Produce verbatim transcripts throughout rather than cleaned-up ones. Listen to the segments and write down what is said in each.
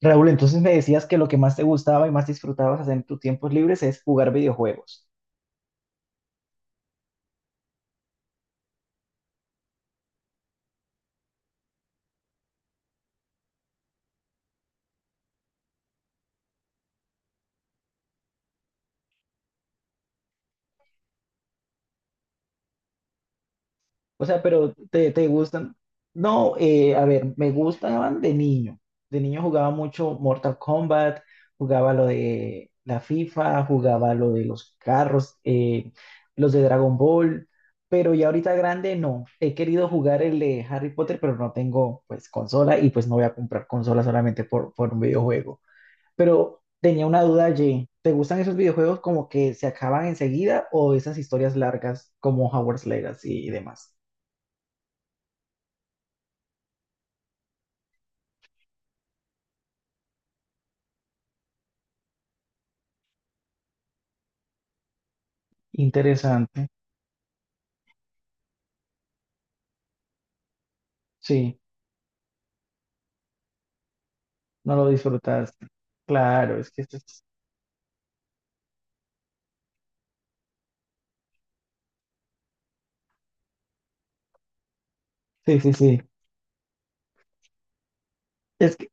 Raúl, entonces me decías que lo que más te gustaba y más disfrutabas hacer en tus tiempos libres es jugar videojuegos. O sea, pero te, te gustan. No, eh, a ver, me gustaban de niño. De niño jugaba mucho Mortal Kombat, jugaba lo de la FIFA, jugaba lo de los carros, eh, los de Dragon Ball, pero ya ahorita grande no. He querido jugar el de Harry Potter, pero no tengo pues consola y pues no voy a comprar consola solamente por, por un videojuego. Pero tenía una duda allí. ¿Te gustan esos videojuegos como que se acaban enseguida o esas historias largas como Hogwarts Legacy y demás? Interesante. Sí, no lo disfrutaste. Claro, es que esto es- Sí, sí, sí. Es que,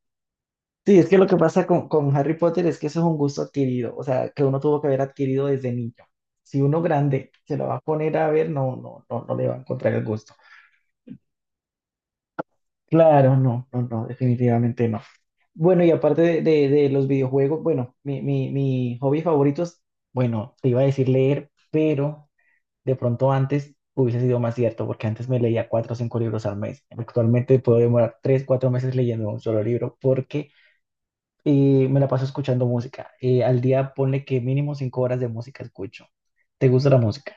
sí, es que lo que pasa con, con Harry Potter es que eso es un gusto adquirido, o sea, que uno tuvo que haber adquirido desde niño. Si uno grande se lo va a poner a ver, no, no, no, no le va a encontrar el gusto. Claro, no, no, no, definitivamente no. Bueno, y aparte de, de- de los videojuegos, bueno, mi, mi, mi hobby favorito es, bueno, te iba a decir leer, pero de pronto antes hubiese sido más cierto, porque antes me leía cuatro o cinco libros al mes. Actualmente puedo demorar tres, cuatro meses leyendo un solo libro porque eh, me la paso escuchando música. Eh, al día ponle que mínimo cinco horas de música escucho. ¿Te gusta la música?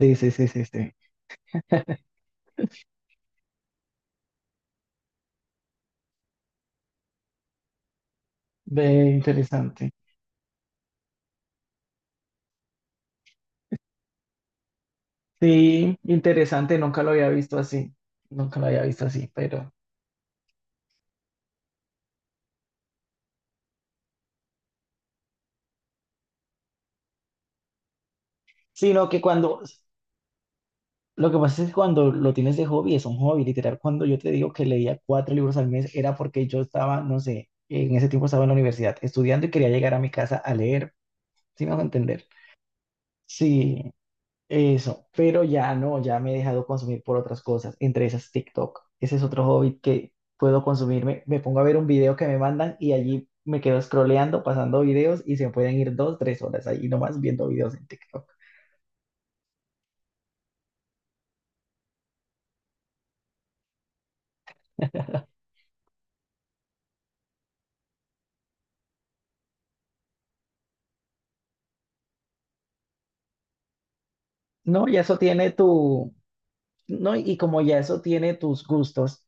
Sí, sí, sí, sí, sí. Ve, interesante. Sí, interesante, nunca lo había visto así, nunca lo había visto así, pero... Sino que cuando, lo que pasa es que cuando lo tienes de hobby, es un hobby, literal, cuando yo te digo que leía cuatro libros al mes, era porque yo estaba, no sé, en ese tiempo estaba en la universidad estudiando y quería llegar a mi casa a leer, ¿sí me a entender? Sí, eso, pero ya no, ya me he dejado consumir por otras cosas, entre esas TikTok. Ese es otro hobby que puedo consumirme. Me pongo a ver un video que me mandan y allí me quedo scrolleando, pasando videos y se pueden ir dos, tres horas ahí nomás viendo videos en TikTok. No, ya eso tiene tu, no, y como ya eso tiene tus gustos.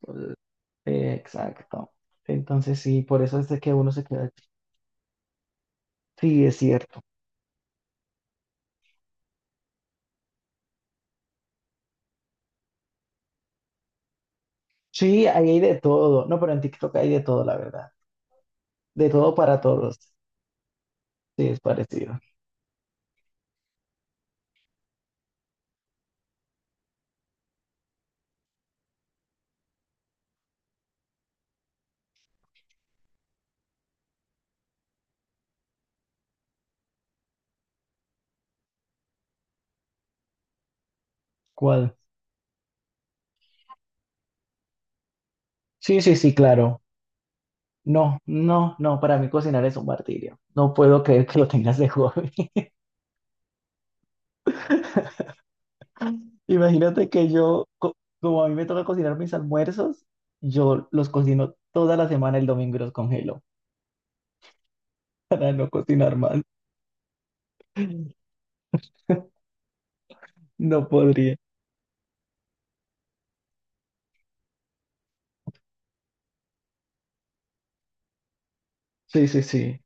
Pues, eh, exacto. Entonces sí, por eso es de que uno se queda. Sí, es cierto. Sí, ahí hay de todo. No, pero en TikTok hay de todo, la verdad. De todo para todos. Sí, es parecido. ¿Cuál? Sí, sí, sí, claro. No, no, no, para mí cocinar es un martirio. No puedo creer que lo tengas de hobby. Imagínate que yo, co- como a mí me toca cocinar mis almuerzos, yo los cocino toda la semana el domingo y los congelo para no cocinar más. No podría. Sí, sí, sí,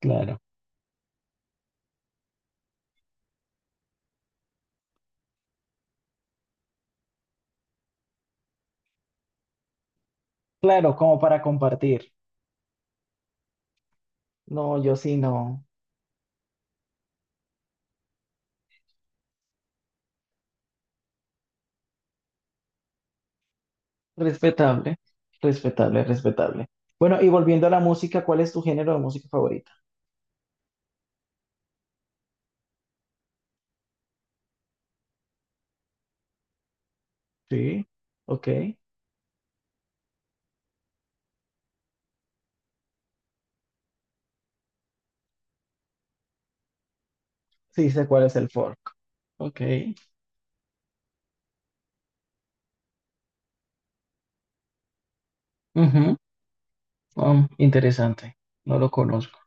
claro. Claro, como para compartir. No, yo sí, no. Respetable, respetable, respetable. Bueno, y volviendo a la música, ¿cuál es tu género de música favorita? Sí, ok. Sí sé cuál es el fork. Ok. Ujú. Um, interesante. No lo conozco.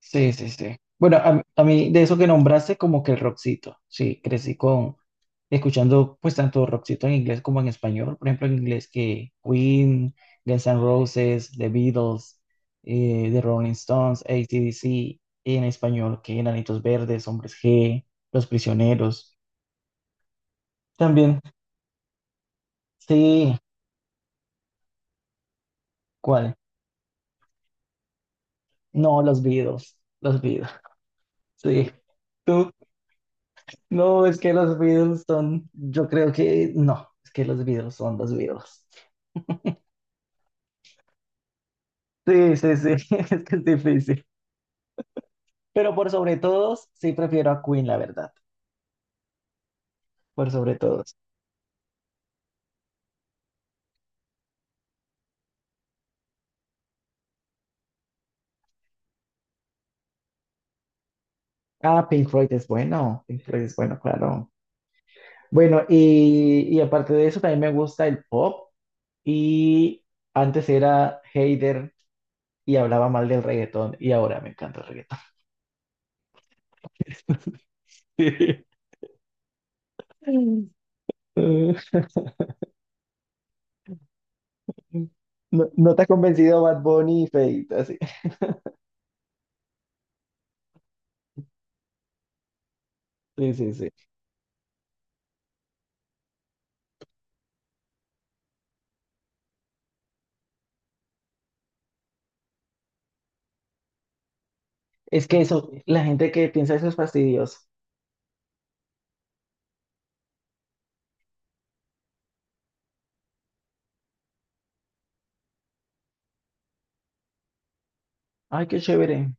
Sí, sí, sí. Bueno, a, a mí de eso que nombraste, como que el rockcito. Sí, crecí con escuchando pues tanto rockcito en inglés como en español. Por ejemplo, en inglés que Queen, Guns N' Roses, The Beatles, eh, The Rolling Stones, A C/D C. Y en español que Enanitos Verdes, Hombres G, Los Prisioneros. También, sí, ¿cuál? No, Los Beatles. Los Beatles. Sí, tú, no, es que los Beatles son, yo creo que no, es que los Beatles son los Beatles. Sí, sí, sí, es que es difícil. Pero por sobre todos, sí prefiero a Queen, la verdad, por sobre todos. Ah, Pink Floyd es bueno, Pink Floyd es bueno, claro. Bueno, y, y aparte de eso, también me gusta el pop. Y antes era hater y hablaba mal del reggaetón, y ahora me encanta el reggaetón. Sí. Mm. No, no te ha convencido Bad Bunny y Feid, así. Sí, sí, sí. Es que eso, la gente que piensa eso es fastidioso. Ay, qué chévere,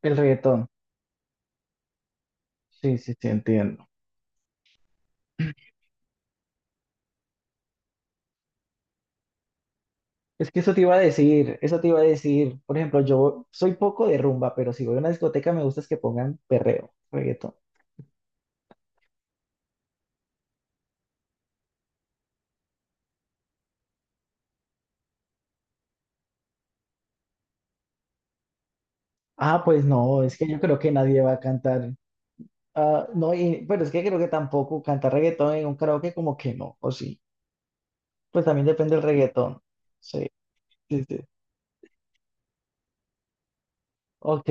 el reggaetón. Sí, sí, sí, entiendo. Es que eso te iba a decir, eso te iba a decir. Por ejemplo, yo soy poco de rumba, pero si voy a una discoteca me gusta es que pongan perreo, reggaetón. Ah, pues no, es que yo creo que nadie va a cantar. Ah, no, y, pero es que creo que tampoco cantar reggaetón en un karaoke como que no, o sí. Pues también depende del reggaetón. Sí, sí, sí. Ok.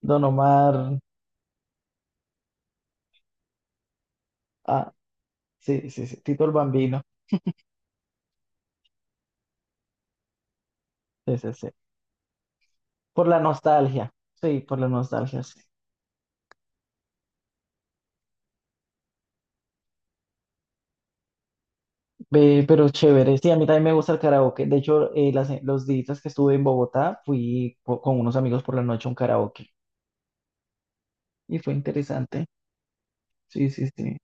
Don Omar, ah, sí, sí, sí, Tito el Bambino, sí, sí, sí. Por la nostalgia, sí, por la nostalgia, sí. Ve, pero chévere, sí, a mí también me gusta el karaoke. De hecho, eh, las- eh, los días que estuve en Bogotá, fui po- con unos amigos por la noche a un karaoke y fue interesante. Sí, sí, sí,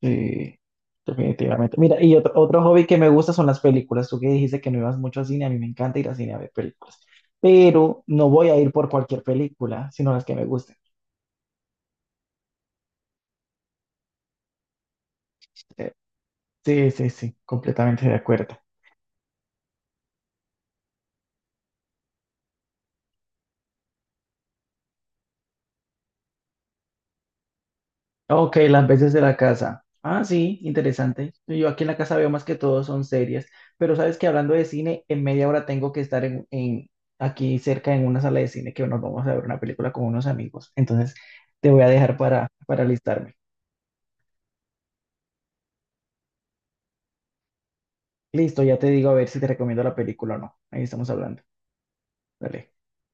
sí, definitivamente. Mira, y otro, otro hobby que me gusta son las películas. Tú que dijiste que no ibas mucho al cine, a mí me encanta ir al cine a ver películas, pero no voy a ir por cualquier película, sino las que me gusten. Sí, sí, sí, completamente de acuerdo. Ok, las veces de la casa. Ah, sí, interesante. Yo aquí en la casa veo más que todo son series, pero sabes que hablando de cine, en media hora tengo que estar en, en- aquí cerca en una sala de cine que nos vamos a ver una película con unos amigos. Entonces, te voy a dejar para, para alistarme. Listo, ya te digo a ver si te recomiendo la película o no. Ahí estamos hablando. Dale.